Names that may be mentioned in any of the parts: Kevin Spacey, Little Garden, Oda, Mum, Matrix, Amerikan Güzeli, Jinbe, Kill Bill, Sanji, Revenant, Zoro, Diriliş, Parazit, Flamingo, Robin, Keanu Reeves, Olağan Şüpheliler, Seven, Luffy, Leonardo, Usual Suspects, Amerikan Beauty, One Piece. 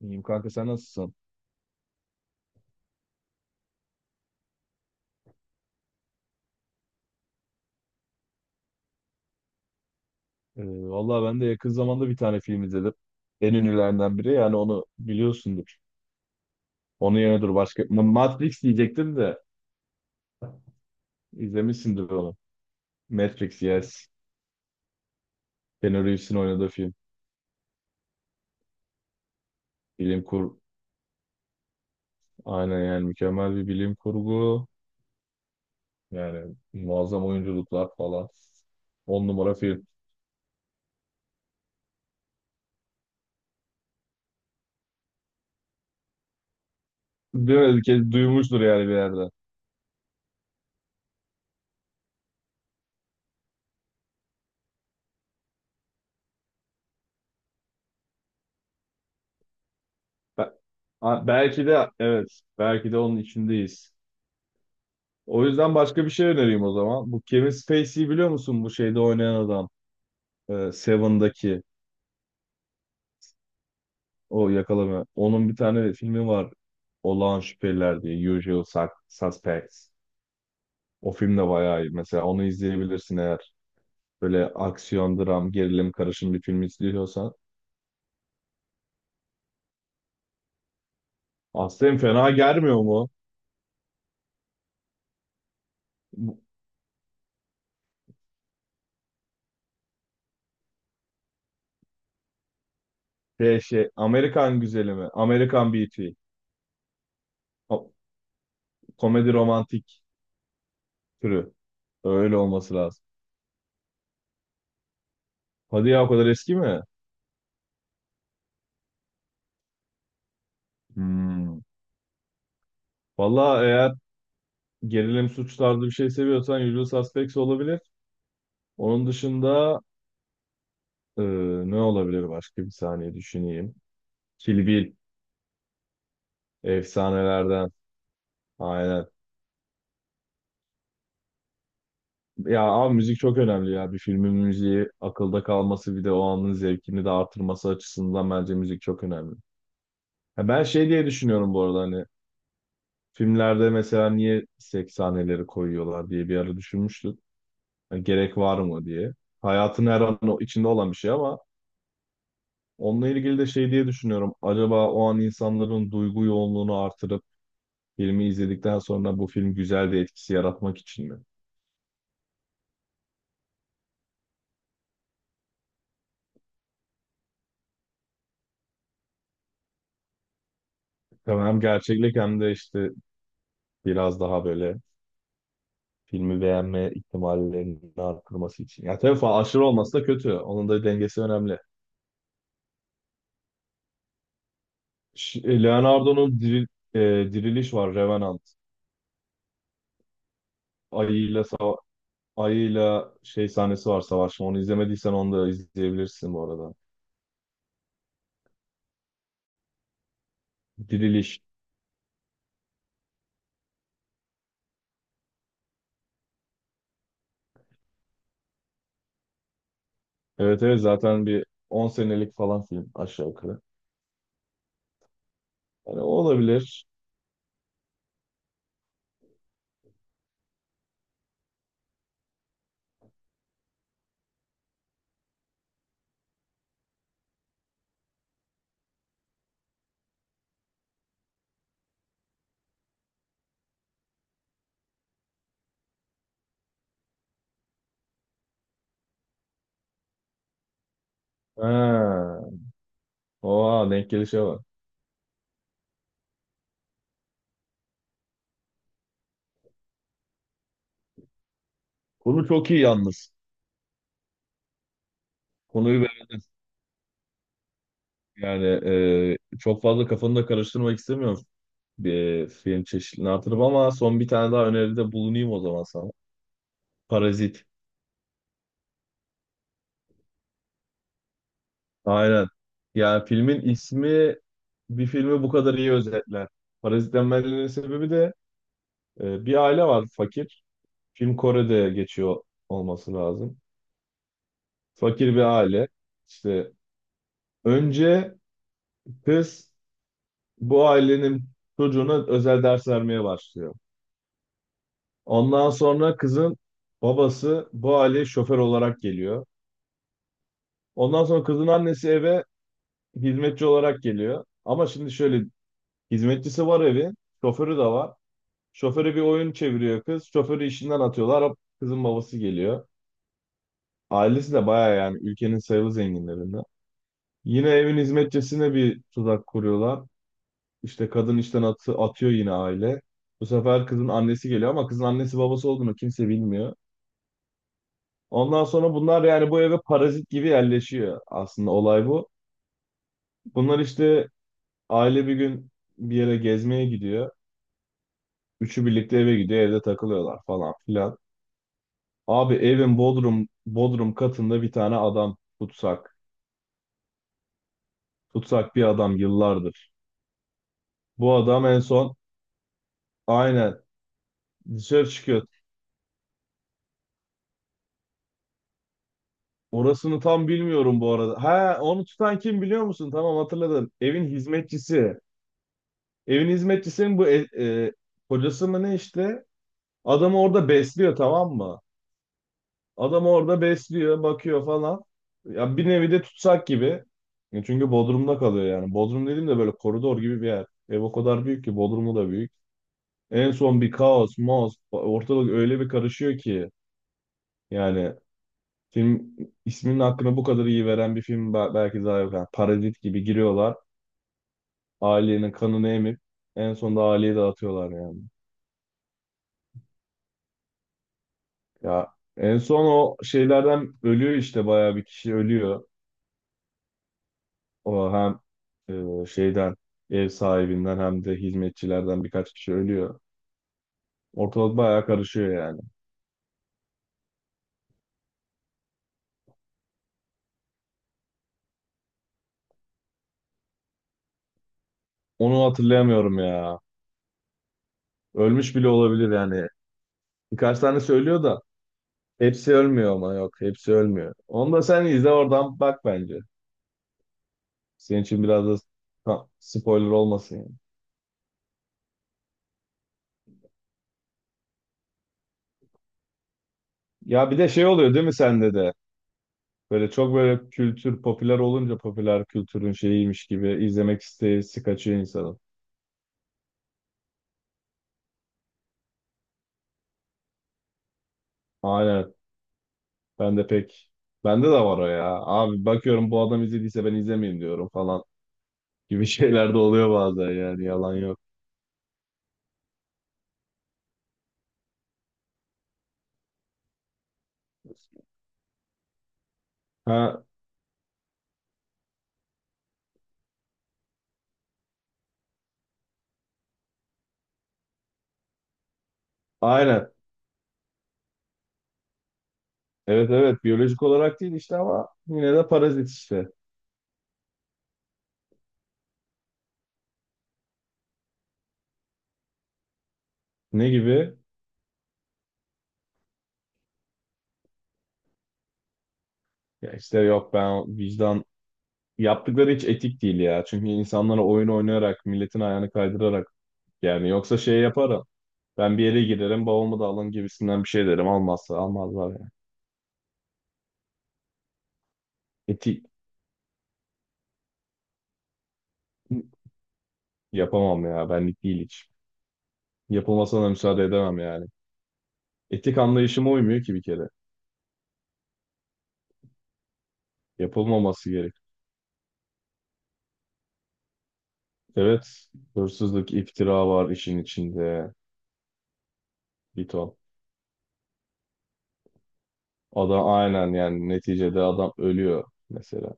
İyiyim kanka sen nasılsın? Vallahi ben de yakın zamanda bir tane film izledim. En ünlülerinden biri yani onu biliyorsundur. Onun yerine dur başka. Matrix diyecektim de izlemişsindir onu. Matrix yes. Keanu Reeves'in oynadığı film. Bilim kur Aynen yani mükemmel bir bilim kurgu. Yani muazzam oyunculuklar falan. On numara film. Değil mi? Kez duymuştur yani bir yerde. Be- Belki de evet. Belki de onun içindeyiz. O yüzden başka bir şey önereyim o zaman. Bu Kevin Spacey'i biliyor musun? Bu şeyde oynayan adam. Seven'daki o yakalama. Onun bir tane filmi var. Olağan Şüpheliler diye. Usual Suspects. O film de bayağı iyi. Mesela onu izleyebilirsin eğer. Böyle aksiyon, dram, gerilim karışım bir film izliyorsan. Aslında fena gelmiyor mu? Bu Amerikan güzeli mi? Amerikan Beauty. Ko- Komedi romantik türü. Öyle olması lazım. Hadi ya o kadar eski mi? Hmm. Valla eğer gerilim suç tarzı bir şey seviyorsan Usual Suspects olabilir. Onun dışında e, ne olabilir başka bir saniye düşüneyim. Kill Bill efsanelerden aynen. Ya abi müzik çok önemli ya. Bir filmin müziği akılda kalması bir de o anın zevkini de artırması açısından bence müzik çok önemli. Ha, ben şey diye düşünüyorum bu arada hani filmlerde mesela niye seks sahneleri koyuyorlar diye bir ara düşünmüştüm. Hani gerek var mı diye. Hayatın her an içinde olan bir şey ama onunla ilgili de şey diye düşünüyorum. Acaba o an insanların duygu yoğunluğunu artırıp filmi izledikten sonra bu film güzel bir etkisi yaratmak için mi? Tabii, hem gerçeklik hem de işte biraz daha böyle filmi beğenme ihtimallerini artırması için. Ya tabii falan aşırı olması da kötü. Onun da dengesi önemli. Ş- e, Leonardo'nun diril, e, Diriliş var, Revenant. Ayıyla sava- Ayıyla şey sahnesi var, savaşma. Onu izlemediysen onu da izleyebilirsin bu arada. Diriliş. Evet evet zaten bir 10 senelik falan film aşağı yukarı. Hani o olabilir. Ha. Oha, denk gelişe bak. Konu çok iyi yalnız. Konuyu beğendim. Yani çok fazla kafanı da karıştırmak istemiyorum bir film çeşidini artırıp, ama son bir tane daha öneride bulunayım o zaman sana. Parazit. Aynen. Yani filmin ismi bir filmi bu kadar iyi özetler. Parazit denmelerinin sebebi de bir aile var fakir. Film Kore'de geçiyor olması lazım. Fakir bir aile. İşte önce kız bu ailenin çocuğuna özel ders vermeye başlıyor. Ondan sonra kızın babası bu aileye şoför olarak geliyor. Ondan sonra kızın annesi eve hizmetçi olarak geliyor. Ama şimdi şöyle, hizmetçisi var evin, şoförü de var. Şoförü bir oyun çeviriyor kız. Şoförü işinden atıyorlar. Hop, kızın babası geliyor. Ailesi de bayağı yani ülkenin sayılı zenginlerinden. Yine evin hizmetçisine bir tuzak kuruyorlar. İşte kadın işten atıyor yine aile. Bu sefer kızın annesi geliyor ama kızın annesi babası olduğunu kimse bilmiyor. Ondan sonra bunlar yani bu eve parazit gibi yerleşiyor, aslında olay bu. Bunlar işte aile bir gün bir yere gezmeye gidiyor. Üçü birlikte eve gidiyor, evde takılıyorlar falan filan. Abi evin bodrum katında bir tane adam tutsak. Tutsak bir adam yıllardır. Bu adam en son aynen dışarı çıkıyor. Orasını tam bilmiyorum bu arada. Ha, onu tutan kim biliyor musun? Tamam, hatırladım. Evin hizmetçisi. Evin hizmetçisinin bu kocası mı ne işte? Adamı orada besliyor, tamam mı? Adamı orada besliyor, bakıyor falan. Ya bir nevi de tutsak gibi. Çünkü Bodrum'da kalıyor yani. Bodrum dediğim de böyle koridor gibi bir yer. Ev o kadar büyük ki Bodrum'u da büyük. En son bir kaos, maos, ortalık öyle bir karışıyor ki yani. Film isminin hakkını bu kadar iyi veren bir film belki daha yok. Yani parazit gibi giriyorlar. Ailenin kanını emip en sonunda aileyi dağıtıyorlar yani. Ya en son o şeylerden ölüyor işte, bayağı bir kişi ölüyor. O hem şeyden, ev sahibinden, hem de hizmetçilerden birkaç kişi ölüyor. Ortalık bayağı karışıyor yani. Onu hatırlayamıyorum ya. Ölmüş bile olabilir yani. Birkaç tane söylüyor da hepsi ölmüyor ama, yok, hepsi ölmüyor. Onu da sen izle oradan bak bence. Senin için biraz da ha, spoiler olmasın yani. Ya bir de şey oluyor değil mi sende de? Böyle çok böyle kültür popüler olunca popüler kültürün şeyiymiş gibi izlemek isteği kaçıyor insanın. Aynen. Ben de pek Bende de var o ya. Abi bakıyorum bu adam izlediyse ben izlemeyeyim diyorum falan gibi şeyler de oluyor bazen yani, yalan yok. Ha, aynen. Evet evet, biyolojik olarak değil işte ama yine de parazit işte. Ne gibi? Ya işte yok ben vicdan, yaptıkları hiç etik değil ya. Çünkü insanlara oyun oynayarak, milletin ayağını kaydırarak, yani yoksa şey yaparım. Ben bir yere girerim, babamı da alın gibisinden bir şey derim. Almazsa almazlar yani. Etik yapamam ya. Benlik değil hiç. Yapılmasına da müsaade edemem yani. Etik anlayışıma uymuyor ki bir kere. Yapılmaması gerek. Evet, hırsızlık, iftira var işin içinde. Bir ton. Adam aynen yani neticede adam ölüyor mesela.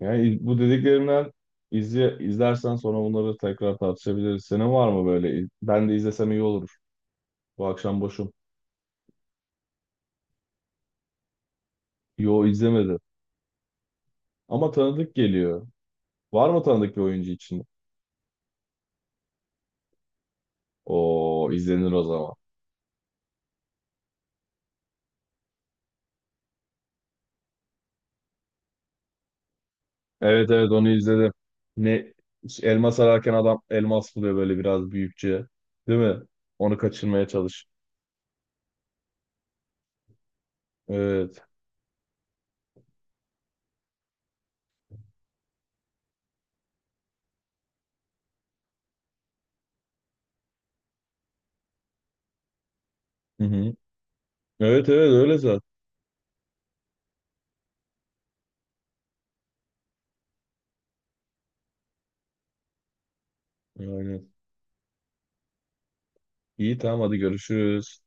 Yani bu dediklerimden izlersen sonra bunları tekrar tartışabiliriz. Senin var mı böyle? Ben de izlesem iyi olur. Bu akşam boşum. Yo, izlemedim. Ama tanıdık geliyor. Var mı tanıdık bir oyuncu için? O izlenir o zaman. Evet evet onu izledim. Ne, elma sararken adam elmas buluyor böyle biraz büyükçe. Değil mi? Onu kaçırmaya çalış. Evet. Hı hı. Evet evet öyle zaten. Yani. İyi tamam, hadi görüşürüz.